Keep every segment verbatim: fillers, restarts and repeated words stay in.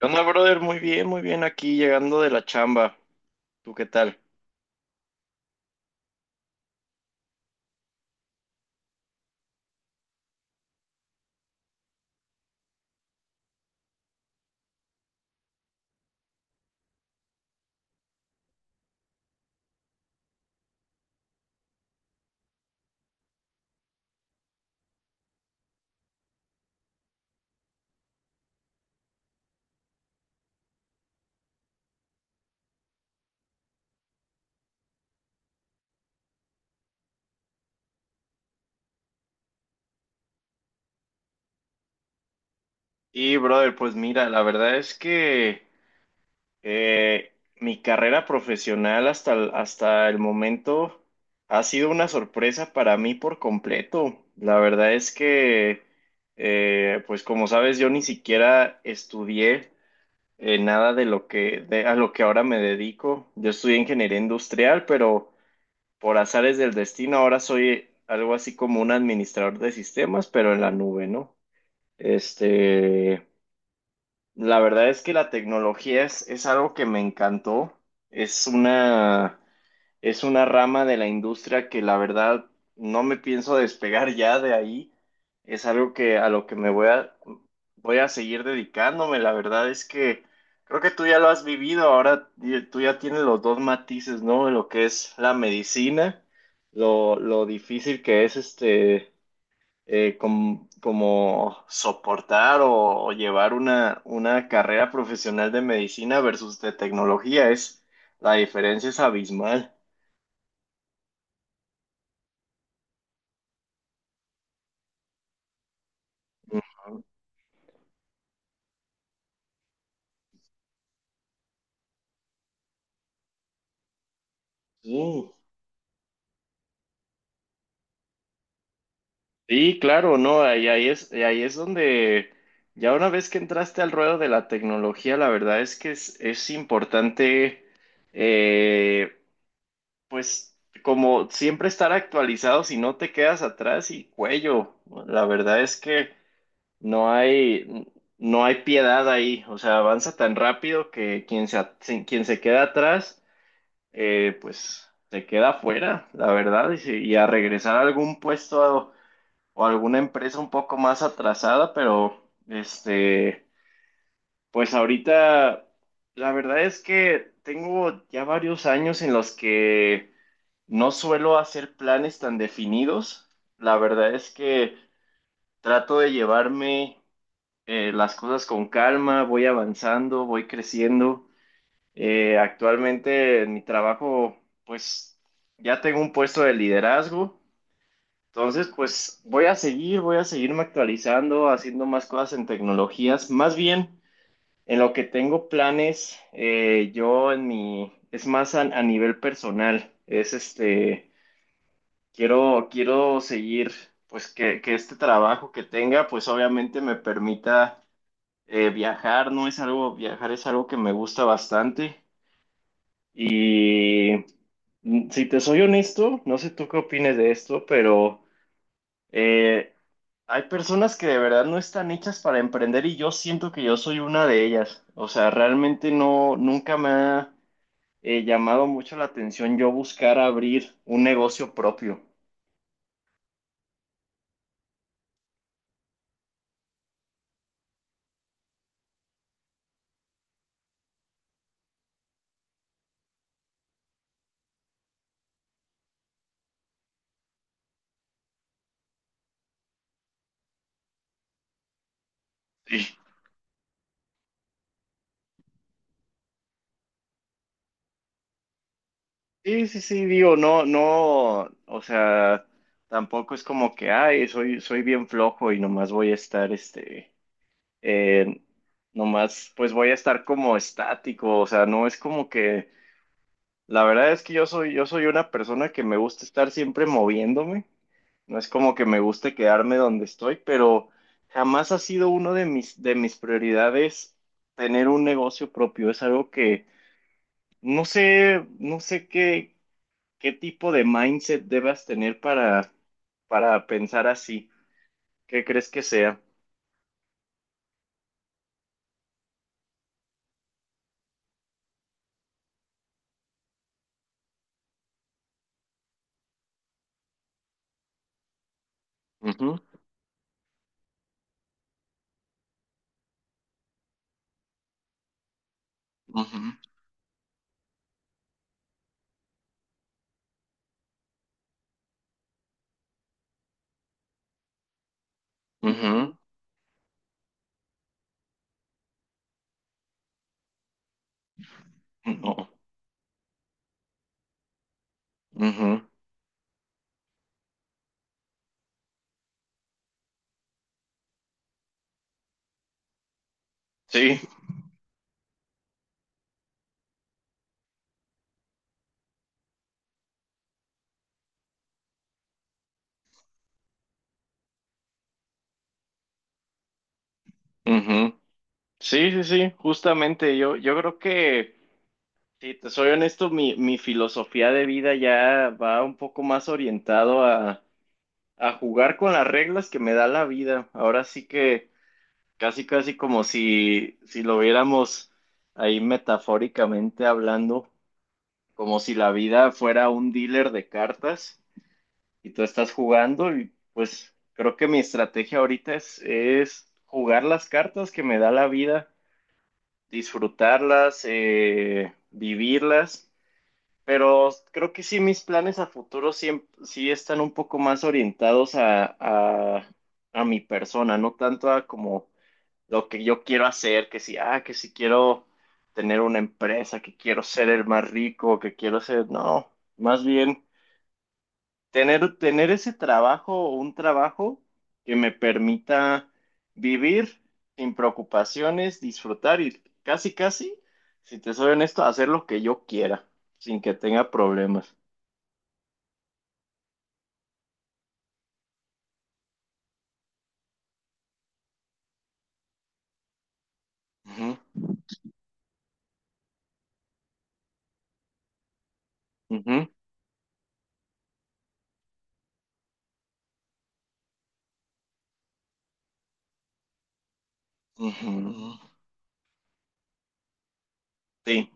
¿Qué onda, brother? Muy bien, muy bien aquí llegando de la chamba. ¿Tú qué tal? Y, brother, pues mira, la verdad es que eh, mi carrera profesional hasta el, hasta el momento ha sido una sorpresa para mí por completo. La verdad es que, eh, pues como sabes, yo ni siquiera estudié eh, nada de lo que, de, a lo que ahora me dedico. Yo estudié ingeniería industrial, pero por azares del destino, ahora soy algo así como un administrador de sistemas, pero en la nube, ¿no? Este, la verdad es que la tecnología es, es algo que me encantó. Es una es una rama de la industria que, la verdad, no me pienso despegar ya de ahí. Es algo que a lo que me voy a voy a seguir dedicándome. La verdad es que creo que tú ya lo has vivido. Ahora y- tú ya tienes los dos matices, ¿no? De lo que es la medicina, lo, lo difícil que es este eh, com- como soportar o, o, llevar una, una, carrera profesional de medicina versus de tecnología. Es La diferencia es abismal. Sí, sí, claro, no, ahí, ahí es, ahí es donde, ya una vez que entraste al ruedo de la tecnología, la verdad es que es, es importante, eh, pues como siempre estar actualizado, si no te quedas atrás y cuello. La verdad es que no hay, no hay piedad ahí, o sea, avanza tan rápido que quien se, at- si, quien se queda atrás, eh, pues se queda afuera, la verdad, y, si- y a regresar a algún puesto o alguna empresa un poco más atrasada. Pero este, pues ahorita la verdad es que tengo ya varios años en los que no suelo hacer planes tan definidos. La verdad es que trato de llevarme eh, las cosas con calma, voy avanzando, voy creciendo. Eh, actualmente, en mi trabajo, pues ya tengo un puesto de liderazgo. Entonces, pues voy a seguir, voy a seguirme actualizando, haciendo más cosas en tecnologías. Más bien, en lo que tengo planes, eh, yo en mi, es más a, a nivel personal. es este, quiero, quiero, seguir, pues, que, que este trabajo que tenga, pues obviamente me permita eh, viajar. No es algo, Viajar es algo que me gusta bastante. Y, mm, si te soy honesto, no sé tú qué opines de esto, pero Eh, hay personas que de verdad no están hechas para emprender y yo siento que yo soy una de ellas. O sea, realmente no, nunca me ha eh, llamado mucho la atención yo buscar abrir un negocio propio. Sí, sí, sí, sí, digo, no, no, o sea, tampoco es como que, ay, soy, soy, bien flojo y nomás voy a estar, este, eh, nomás, pues voy a estar como estático. O sea, no es como que la verdad es que yo soy, yo soy, una persona que me gusta estar siempre moviéndome. No es como que me guste quedarme donde estoy, pero jamás ha sido uno de mis, de mis prioridades tener un negocio propio. Es algo que no sé, no sé qué, qué tipo de mindset debas tener para, para pensar así. ¿Qué crees que sea? Ujú. Ujú. Ujú. No. Ujú. Sí. Ujú. Sí, sí, sí, justamente yo, yo creo que sí. Te soy honesto, mi, mi, filosofía de vida ya va un poco más orientado a, a jugar con las reglas que me da la vida. Ahora sí que, casi casi, como si, si lo viéramos ahí, metafóricamente hablando, como si la vida fuera un dealer de cartas y tú estás jugando. Y pues creo que mi estrategia ahorita es, es, jugar las cartas que me da la vida, disfrutarlas, eh, vivirlas. Pero creo que sí, mis planes a futuro sí, sí, están un poco más orientados a, a, a mi persona, no tanto a como lo que yo quiero hacer, que si, ah, que si quiero tener una empresa, que quiero ser el más rico, que quiero ser, no, más bien tener, tener ese trabajo o un trabajo que me permita vivir sin preocupaciones, disfrutar y, casi, casi, si te soy honesto, hacer lo que yo quiera, sin que tenga problemas. Ujú. Ujú. Ujú. Sí,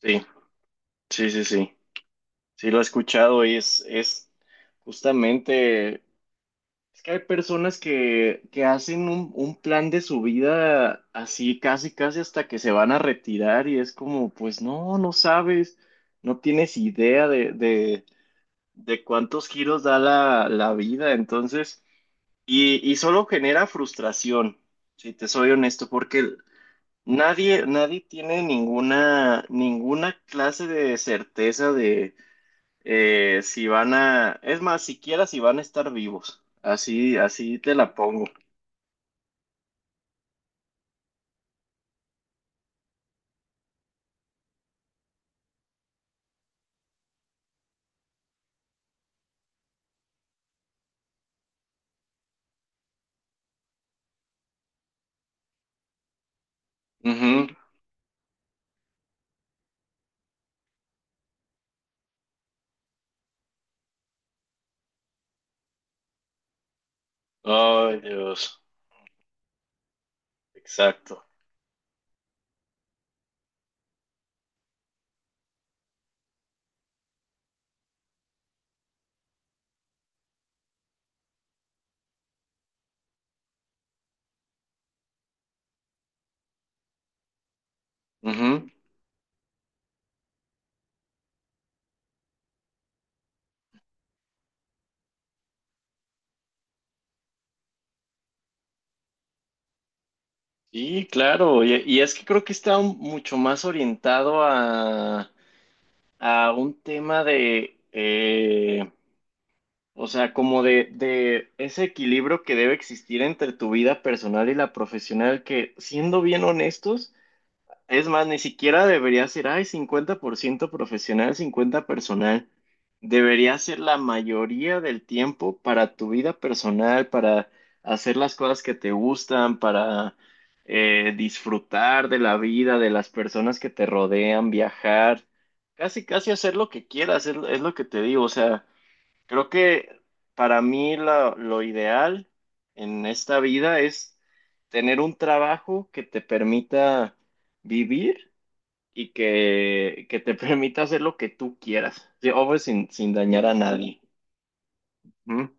sí, sí, sí, sí. Sí, lo he escuchado y es, es, justamente, es que hay personas que, que hacen un, un plan de su vida así, casi, casi hasta que se van a retirar, y es como, pues no, no, sabes, no tienes idea de, de, de, cuántos giros da la, la vida. Entonces, y, y solo genera frustración, si te soy honesto, porque nadie, nadie tiene ninguna, ninguna clase de certeza de, eh, si van a, es más, siquiera si van a estar vivos. Así, así te la pongo. Ujú. Ay, Dios. Exacto. Ujú. Sí, claro. Y, y es que creo que está un- mucho más orientado a, a, un tema de, o sea, como de, de ese equilibrio que debe existir entre tu vida personal y la profesional, que, siendo bien honestos, es más, ni siquiera debería ser, ay, cincuenta por ciento profesional, cincuenta personal. Debería ser la mayoría del tiempo para tu vida personal, para hacer las cosas que te gustan, para eh, disfrutar de la vida, de las personas que te rodean, viajar, casi, casi hacer lo que quieras. es es lo que te digo, o sea. Creo que, para mí, la- lo ideal en esta vida es tener un trabajo que te permita vivir y que, que te permita hacer lo que tú quieras, sí, obvio, sin, sin, dañar a nadie. Ujú.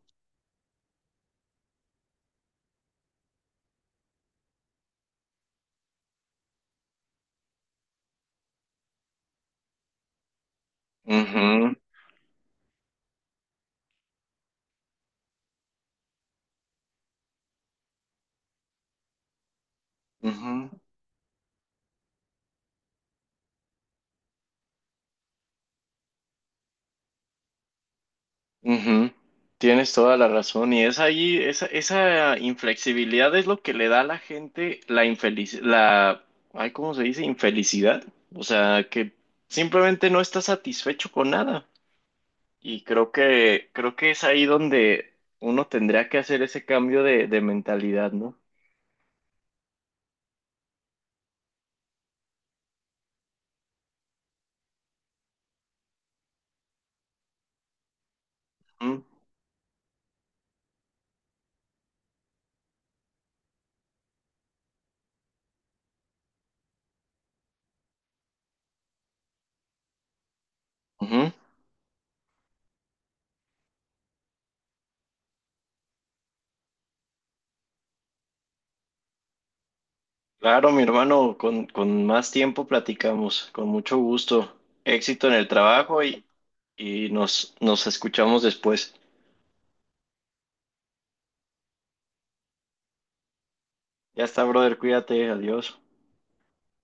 Ujú. Ujú. Ujú. Tienes toda la razón, y es ahí, esa, esa inflexibilidad es lo que le da a la gente la infelicidad, la, ay, ¿cómo se dice? Infelicidad. O sea, que simplemente no está satisfecho con nada. Y creo que, creo que es ahí donde uno tendría que hacer ese cambio de, de, mentalidad, ¿no? Ujú. Ujú. Claro, mi hermano, con, con más tiempo platicamos, con mucho gusto. Éxito en el trabajo. Y, y nos, nos, escuchamos después. Ya está, brother, cuídate, adiós.